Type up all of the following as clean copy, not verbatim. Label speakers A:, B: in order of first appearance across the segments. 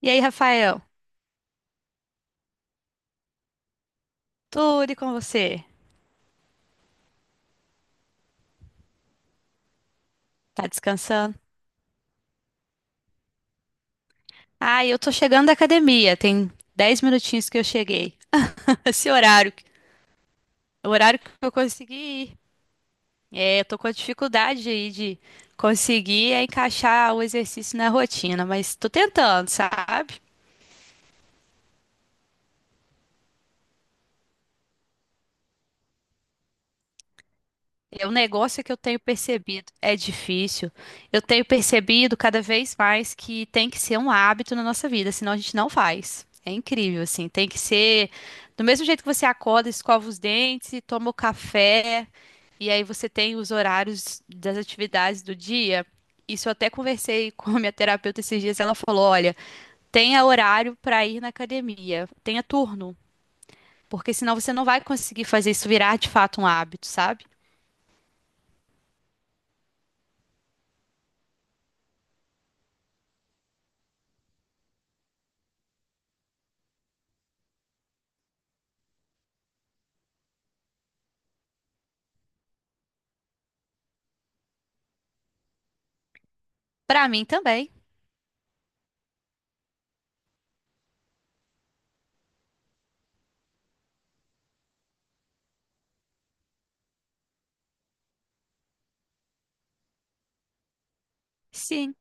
A: E aí, Rafael? Tudo e com você? Tá descansando? Ah, eu tô chegando da academia. Tem 10 minutinhos que eu cheguei. Esse horário, é o horário que eu consegui ir. É, eu tô com a dificuldade aí de conseguir encaixar o exercício na rotina, mas tô tentando, sabe? O negócio que eu tenho percebido é difícil. Eu tenho percebido cada vez mais que tem que ser um hábito na nossa vida, senão a gente não faz. É incrível, assim. Tem que ser do mesmo jeito que você acorda, escova os dentes, e toma o café, e aí você tem os horários das atividades do dia. Isso eu até conversei com a minha terapeuta esses dias. Ela falou: olha, tenha horário para ir na academia, tenha turno, porque senão você não vai conseguir fazer isso virar de fato um hábito, sabe? Para mim também. Sim,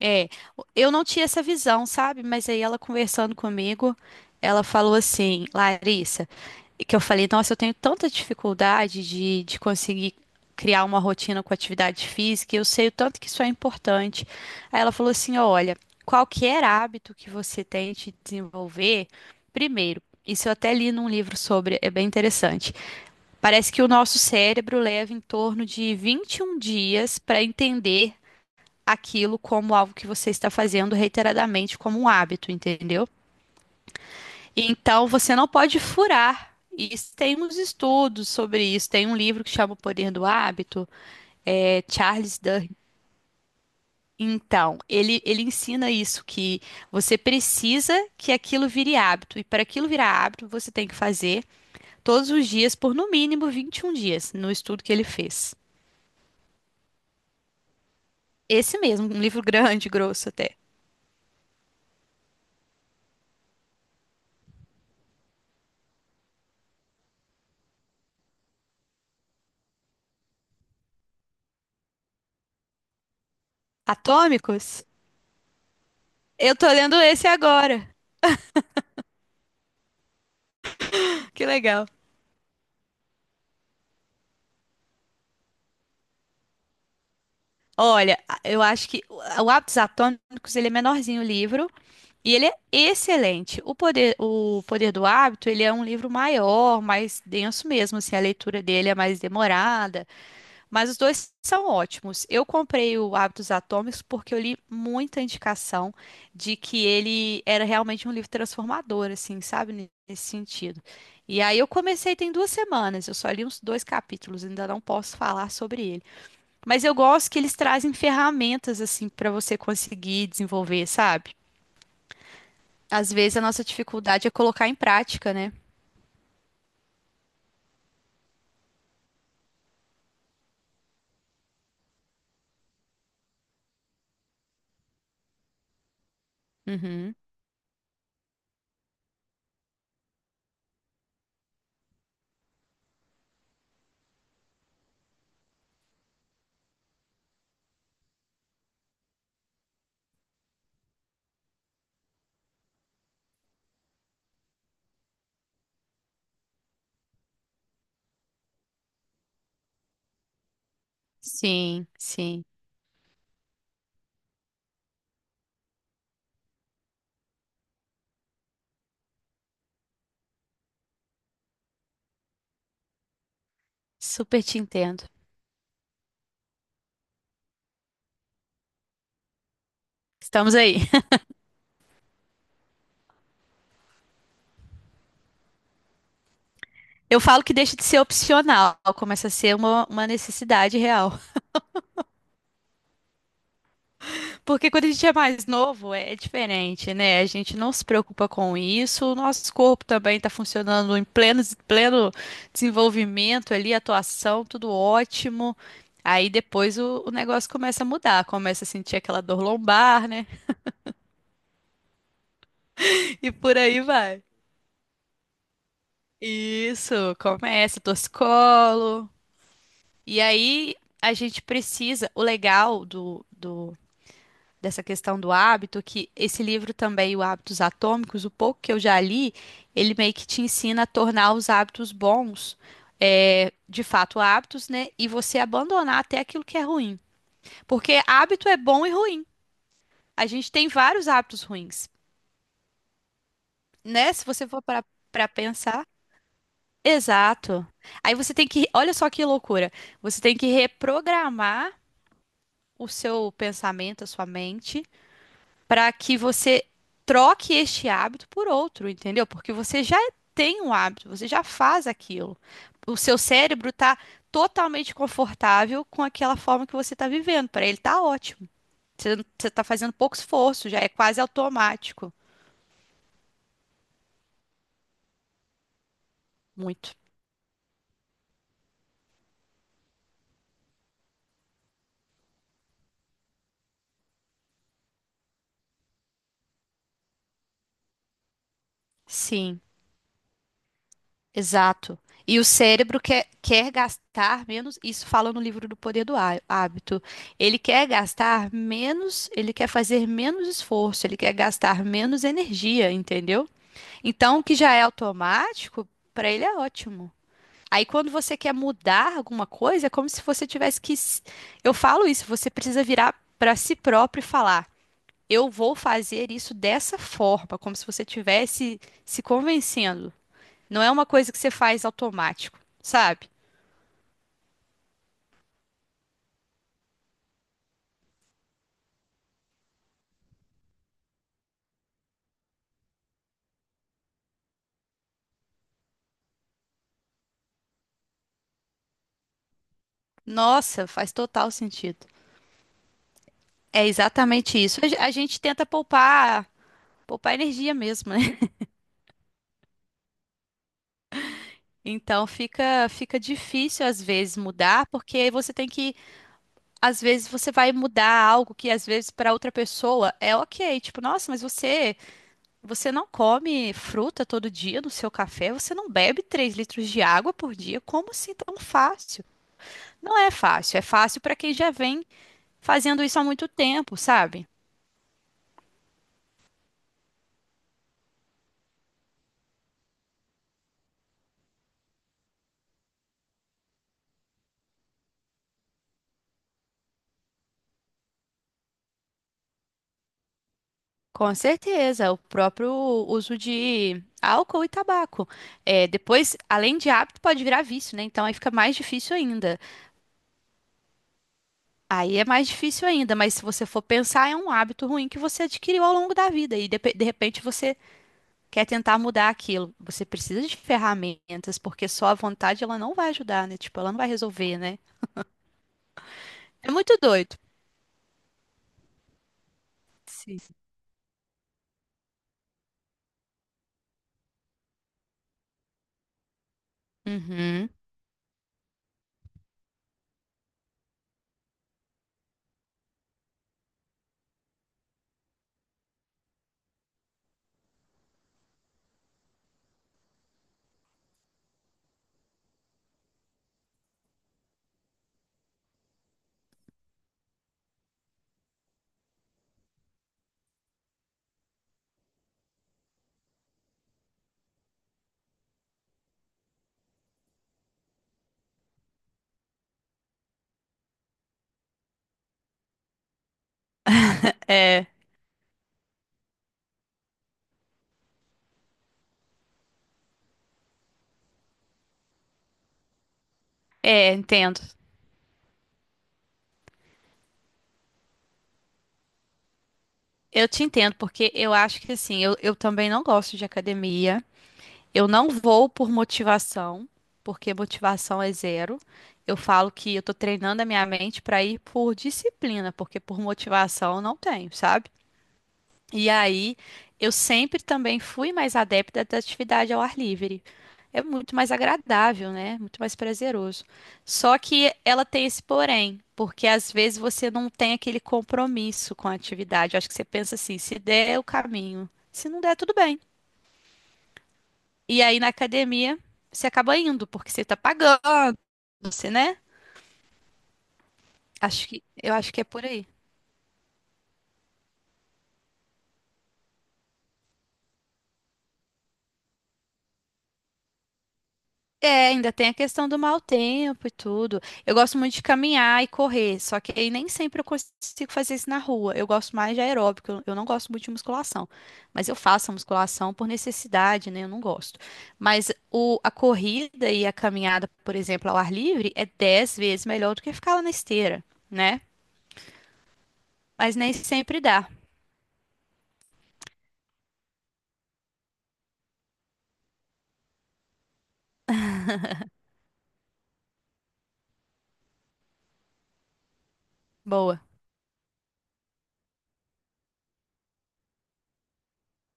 A: é. Eu não tinha essa visão, sabe? Mas aí ela conversando comigo, ela falou assim, Larissa, que eu falei, nossa, eu tenho tanta dificuldade de conseguir criar uma rotina com atividade física, e eu sei o tanto que isso é importante. Aí ela falou assim, olha, qualquer hábito que você tente desenvolver, primeiro, isso eu até li num livro sobre, é bem interessante. Parece que o nosso cérebro leva em torno de 21 dias para entender aquilo como algo que você está fazendo reiteradamente como um hábito, entendeu? Então você não pode furar. E isso tem uns estudos sobre isso. Tem um livro que chama O Poder do Hábito, é Charles Duhigg. Então, ele ensina isso, que você precisa que aquilo vire hábito. E para aquilo virar hábito, você tem que fazer todos os dias por no mínimo 21 dias, no estudo que ele fez. Esse mesmo, um livro grande, grosso até. Atômicos? Eu tô lendo esse agora. Que legal. Olha, eu acho que o Hábitos Atômicos, ele é menorzinho o livro e ele é excelente. O Poder do Hábito, ele é um livro maior, mais denso mesmo, assim, a leitura dele é mais demorada, mas os dois são ótimos. Eu comprei o Hábitos Atômicos porque eu li muita indicação de que ele era realmente um livro transformador, assim, sabe, nesse sentido. E aí eu comecei tem 2 semanas, eu só li uns dois capítulos, ainda não posso falar sobre ele. Mas eu gosto que eles trazem ferramentas assim para você conseguir desenvolver, sabe? Às vezes a nossa dificuldade é colocar em prática, né? Uhum. Sim, sim. Super te entendo. Estamos aí. Eu falo que deixa de ser opcional, começa a ser uma necessidade real. Porque quando a gente é mais novo, é diferente, né? A gente não se preocupa com isso. O nosso corpo também está funcionando em pleno desenvolvimento ali, atuação, tudo ótimo. Aí depois o negócio começa a mudar, começa a sentir aquela dor lombar, né? E por aí vai. Isso, começa, torcicolo. E aí a gente precisa. O legal do, do dessa questão do hábito, que esse livro também, o Hábitos Atômicos, o pouco que eu já li, ele meio que te ensina a tornar os hábitos bons, é, de fato hábitos, né? E você abandonar até aquilo que é ruim. Porque hábito é bom e ruim. A gente tem vários hábitos ruins, né? Se você for para pensar. Exato. Aí você tem que, olha só que loucura. Você tem que reprogramar o seu pensamento, a sua mente para que você troque este hábito por outro, entendeu? Porque você já tem um hábito, você já faz aquilo. O seu cérebro está totalmente confortável com aquela forma que você está vivendo. Para ele está ótimo. Você está fazendo pouco esforço, já é quase automático. Muito. Sim. Exato. E o cérebro quer gastar menos, isso fala no livro do Poder do Hábito. Ele quer gastar menos, ele quer fazer menos esforço, ele quer gastar menos energia, entendeu? Então, o que já é automático, para ele é ótimo. Aí, quando você quer mudar alguma coisa, é como se você tivesse que. Eu falo isso, você precisa virar para si próprio e falar: eu vou fazer isso dessa forma, como se você tivesse se convencendo. Não é uma coisa que você faz automático, sabe? Nossa, faz total sentido. É exatamente isso. A gente tenta poupar energia mesmo, né? Então fica difícil às vezes mudar, porque aí você tem que, às vezes você vai mudar algo que às vezes para outra pessoa é ok, tipo, nossa, mas você não come fruta todo dia no seu café, você não bebe 3 litros de água por dia, como assim tão fácil? Não é fácil, é fácil para quem já vem fazendo isso há muito tempo, sabe? Com certeza, o próprio uso de álcool e tabaco. É, depois, além de hábito, pode virar vício, né? Então aí fica mais difícil ainda. Aí é mais difícil ainda, mas se você for pensar, é um hábito ruim que você adquiriu ao longo da vida e de repente você quer tentar mudar aquilo. Você precisa de ferramentas, porque só a vontade ela não vai ajudar, né? Tipo, ela não vai resolver, né? É muito doido. Sim. Uhum. É, entendo. Eu te entendo, porque eu acho que assim, eu também não gosto de academia. Eu não vou por motivação, porque motivação é zero. Eu falo que eu tô treinando a minha mente para ir por disciplina, porque por motivação eu não tenho, sabe? E aí, eu sempre também fui mais adepta da atividade ao ar livre. É muito mais agradável, né? Muito mais prazeroso. Só que ela tem esse porém, porque às vezes você não tem aquele compromisso com a atividade. Eu acho que você pensa assim, se der é o caminho, se não der, tudo bem. E aí na academia você acaba indo, porque você tá pagando, você, né? Acho que é por aí. É, ainda tem a questão do mau tempo e tudo. Eu gosto muito de caminhar e correr, só que aí nem sempre eu consigo fazer isso na rua. Eu gosto mais de aeróbico, eu não gosto muito de musculação. Mas eu faço a musculação por necessidade, né? Eu não gosto. Mas a corrida e a caminhada, por exemplo, ao ar livre, é 10 vezes melhor do que ficar lá na esteira, né? Mas nem sempre dá. Boa.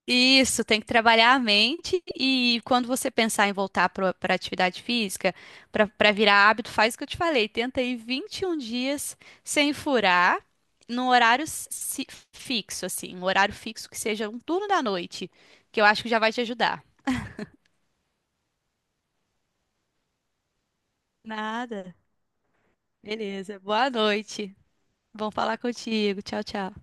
A: Isso, tem que trabalhar a mente e quando você pensar em voltar para a atividade física, para virar hábito, faz o que eu te falei, tenta ir 21 dias sem furar, num fixo, assim, um horário fixo que seja um turno da noite, que eu acho que já vai te ajudar. Nada. Beleza. Boa noite. Bom falar contigo. Tchau, tchau.